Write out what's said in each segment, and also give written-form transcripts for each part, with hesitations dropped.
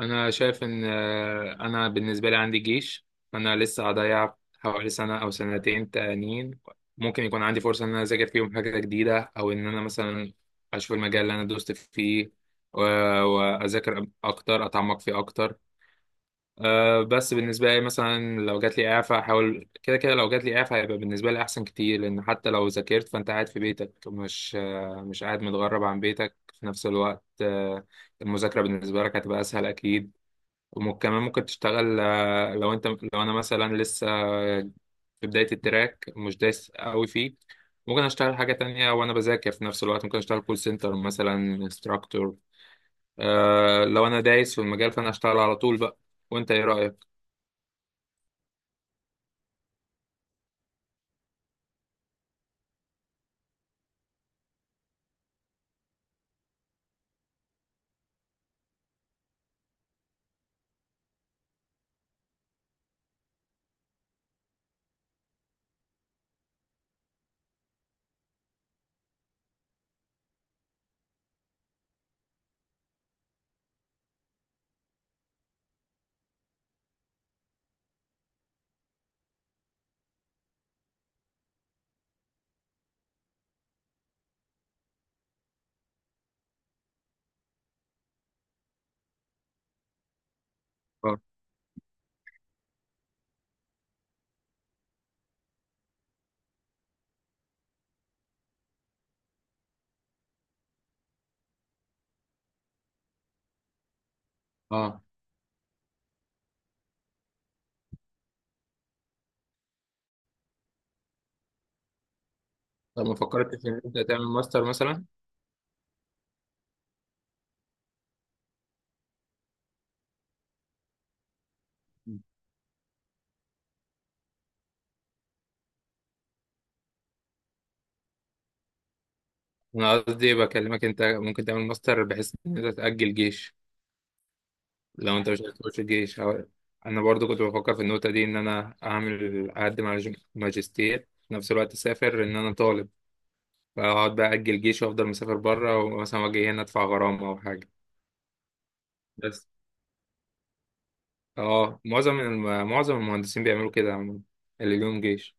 انا شايف ان انا بالنسبه لي عندي جيش، فانا لسه هضيع حوالي سنه او سنتين تانيين. ممكن يكون عندي فرصه ان انا اذاكر فيهم حاجه جديده، او ان انا مثلا اشوف المجال اللي انا دوست فيه و- واذاكر اكتر، اتعمق فيه اكتر. بس بالنسبه لي، مثلا لو جات لي اعفاء، احاول كده كده. لو جات لي اعفاء هيبقى بالنسبه لي احسن كتير، لان حتى لو ذاكرت فانت قاعد في بيتك، مش قاعد متغرب عن بيتك في نفس الوقت. المذاكرة بالنسبة لك هتبقى أسهل أكيد. وكمان ممكن تشتغل. لو انا مثلا لسه في بداية التراك، مش دايس قوي فيه، ممكن اشتغل حاجة تانية وانا بذاكر في نفس الوقت. ممكن اشتغل كول سنتر مثلا، انستراكتور. لو انا دايس في المجال، فانا اشتغل على طول بقى. وانت ايه رأيك؟ اه، اه. طب ما فكرتش ان انت تعمل ماستر مثلا؟ انا قصدي بكلمك، انت ممكن تعمل ماستر بحيث ان انت تأجل جيش. لو انت مش عايز تخش الجيش انا برضو كنت بفكر في النقطه دي، ان انا اقدم على ماجستير في نفس الوقت، اسافر ان انا طالب، فاقعد بقى اجل جيش وافضل مسافر بره، ومثلا واجي هنا ادفع غرامه او حاجه. بس، اه، معظم المهندسين بيعملوا كده عموما، اللي ليهم جيش.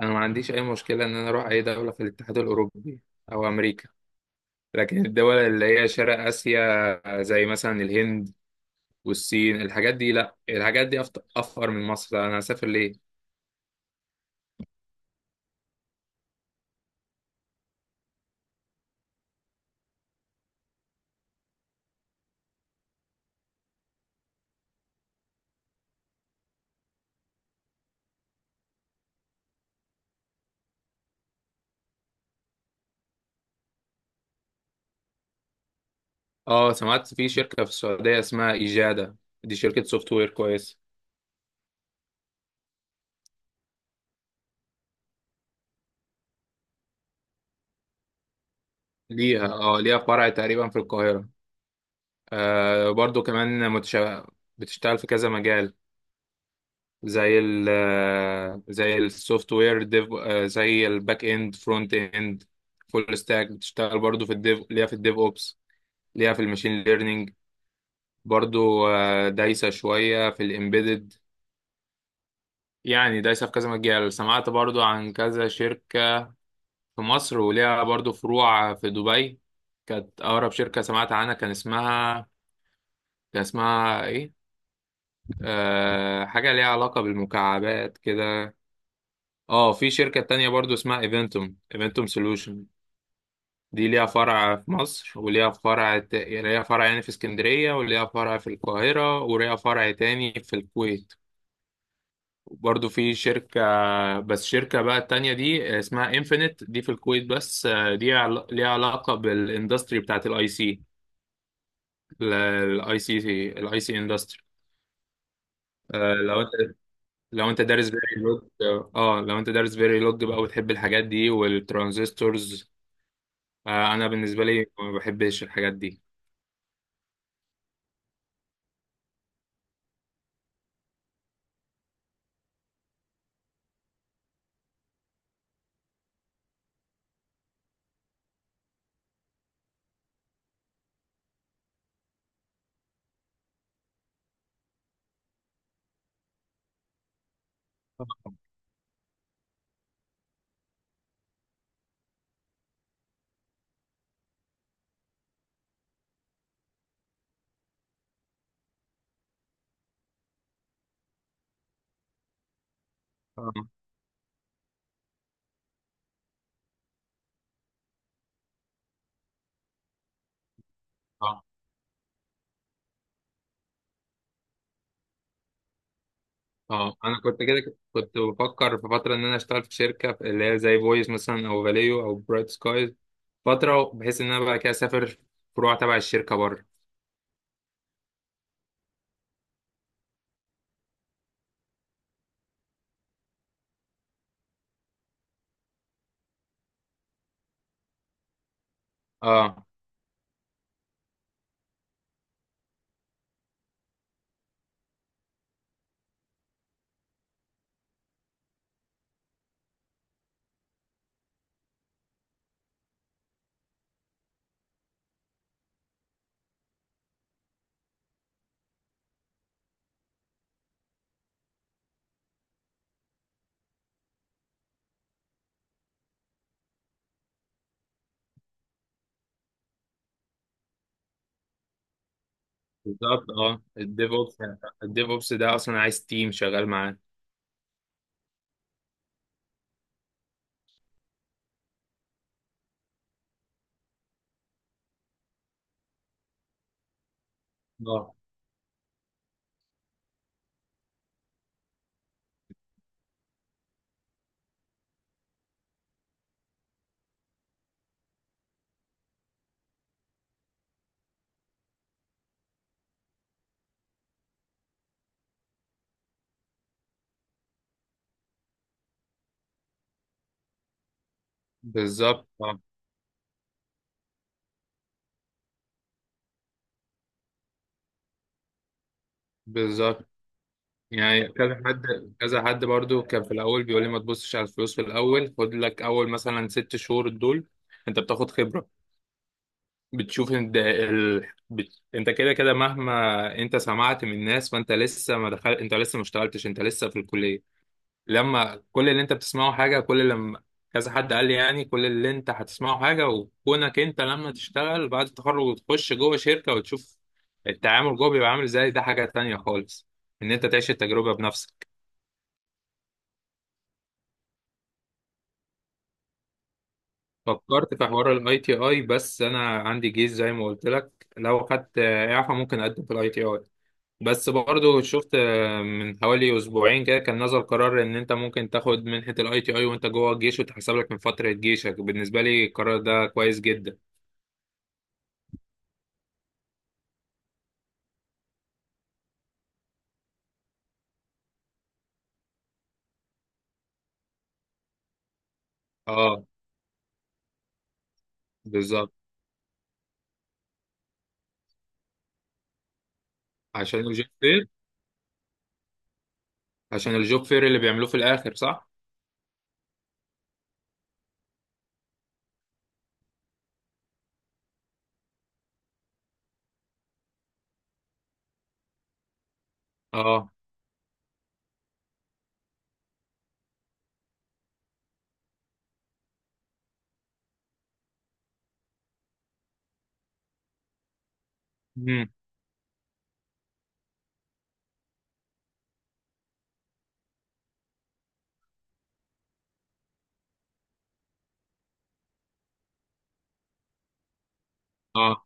انا ما عنديش اي مشكله ان انا اروح اي دوله في الاتحاد الاوروبي، او امريكا. لكن الدول اللي هي شرق اسيا، زي مثلا الهند والصين، الحاجات دي لا، الحاجات دي افقر من مصر، انا هسافر ليه؟ اه، سمعت في شركة في السعودية اسمها إجادة، دي شركة سوفت وير كويسة. ليها فرع تقريبا في القاهرة. برضو كمان بتشتغل في كذا مجال، زي ال آه، زي السوفت وير ديف، زي الباك اند، فرونت اند، فول ستاك. بتشتغل برضو في الديف، ليها في الديف اوبس، ليها في الماشين ليرنينج. برضو دايسة شوية في الامبيدد. يعني دايسة في كذا مجال. سمعت برضو عن كذا شركة في مصر وليها برضو فروع في دبي. كانت أقرب شركة سمعت عنها، كان اسمها إيه؟ حاجة ليها علاقة بالمكعبات كده. اه، في شركة تانية برضو اسمها ايفنتوم سولوشن، دي ليها فرع في مصر، وليها فرع ليها فرع يعني في اسكندرية، وليها فرع في القاهرة، وليها فرع تاني في الكويت. برضو في شركة، بس شركة بقى التانية دي اسمها انفينيت، دي في الكويت. بس دي ليها علاقة بالاندستري بتاعت الاي سي. الاي سي الاي سي اندستري. لو انت لو انت دارس فيري لوج، اه، لو انت دارس فيري لوج بقى، وتحب الحاجات دي والترانزستورز. انا بالنسبه لي ما بحبش الحاجات دي. اه، اه، اه، انا كنت كده. كنت بفكر في فتره ان انا اشتغل في شركه، اللي هي زي فويس مثلا، او فاليو، او برايت سكايز، فتره بحيث ان انا بقى كده اسافر فروع تبع الشركه بره. اه، بالظبط، اه، الديف اوبس. الديف اوبس ده اصلا عايز تيم شغال معاه. اه، بالظبط. آه. بالظبط. يعني كذا حد برضو كان في الاول بيقول لي، ما تبصش على الفلوس في الاول، خد لك اول مثلا 6 شهور دول انت بتاخد خبره، بتشوف انت كده كده مهما انت سمعت من ناس، فانت لسه، ما اشتغلتش، انت لسه في الكليه. لما كل اللي انت بتسمعه حاجة، كل لما كذا حد قال لي يعني، كل اللي انت هتسمعه حاجة، وكونك انت لما تشتغل بعد التخرج وتخش جوه شركة وتشوف التعامل جوه بيبقى عامل ازاي، ده حاجة تانية خالص، ان انت تعيش التجربة بنفسك. فكرت في حوار الاي تي اي، بس انا عندي جيش زي ما قلت لك. لو خدت اعفاء ممكن اقدم في الاي تي اي. بس برضو شفت من حوالي اسبوعين كده، كان نزل قرار ان انت ممكن تاخد منحة الاي تي اي وانت جوه الجيش، وتحسب لك من فترة جيشك. بالنسبة لي القرار ده كويس جدا. اه، بالظبط، عشان الجوب فير. عشان الجوب فير اللي بيعملوه في الاخر، صح. اه. امم. اه.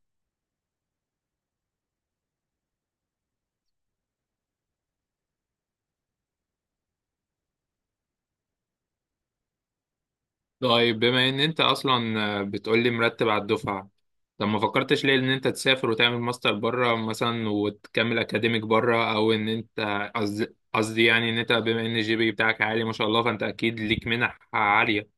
طيب، بما ان انت اصلا بتقولي مرتب على الدفعه، طب ما فكرتش ليه ان انت تسافر وتعمل ماستر بره مثلا، وتكمل اكاديميك بره، او ان انت، قصدي يعني ان انت، بما ان الجي بي بتاعك عالي ما شاء الله، فانت اكيد ليك منح عاليه.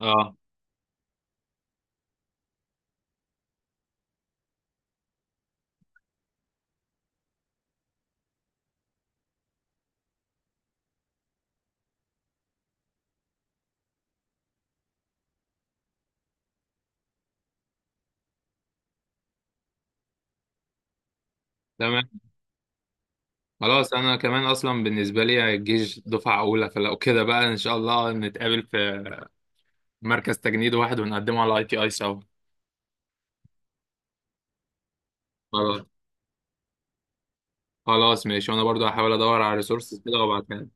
اه، تمام. خلاص، انا كمان اصلا بالنسبه لي الجيش دفعه اولى، فلو كده بقى ان شاء الله نتقابل في مركز تجنيد واحد، ونقدمه على اي تي اي سوا. خلاص. خلاص، ماشي. وانا برضو هحاول ادور على ريسورسز كده وابعتها لك.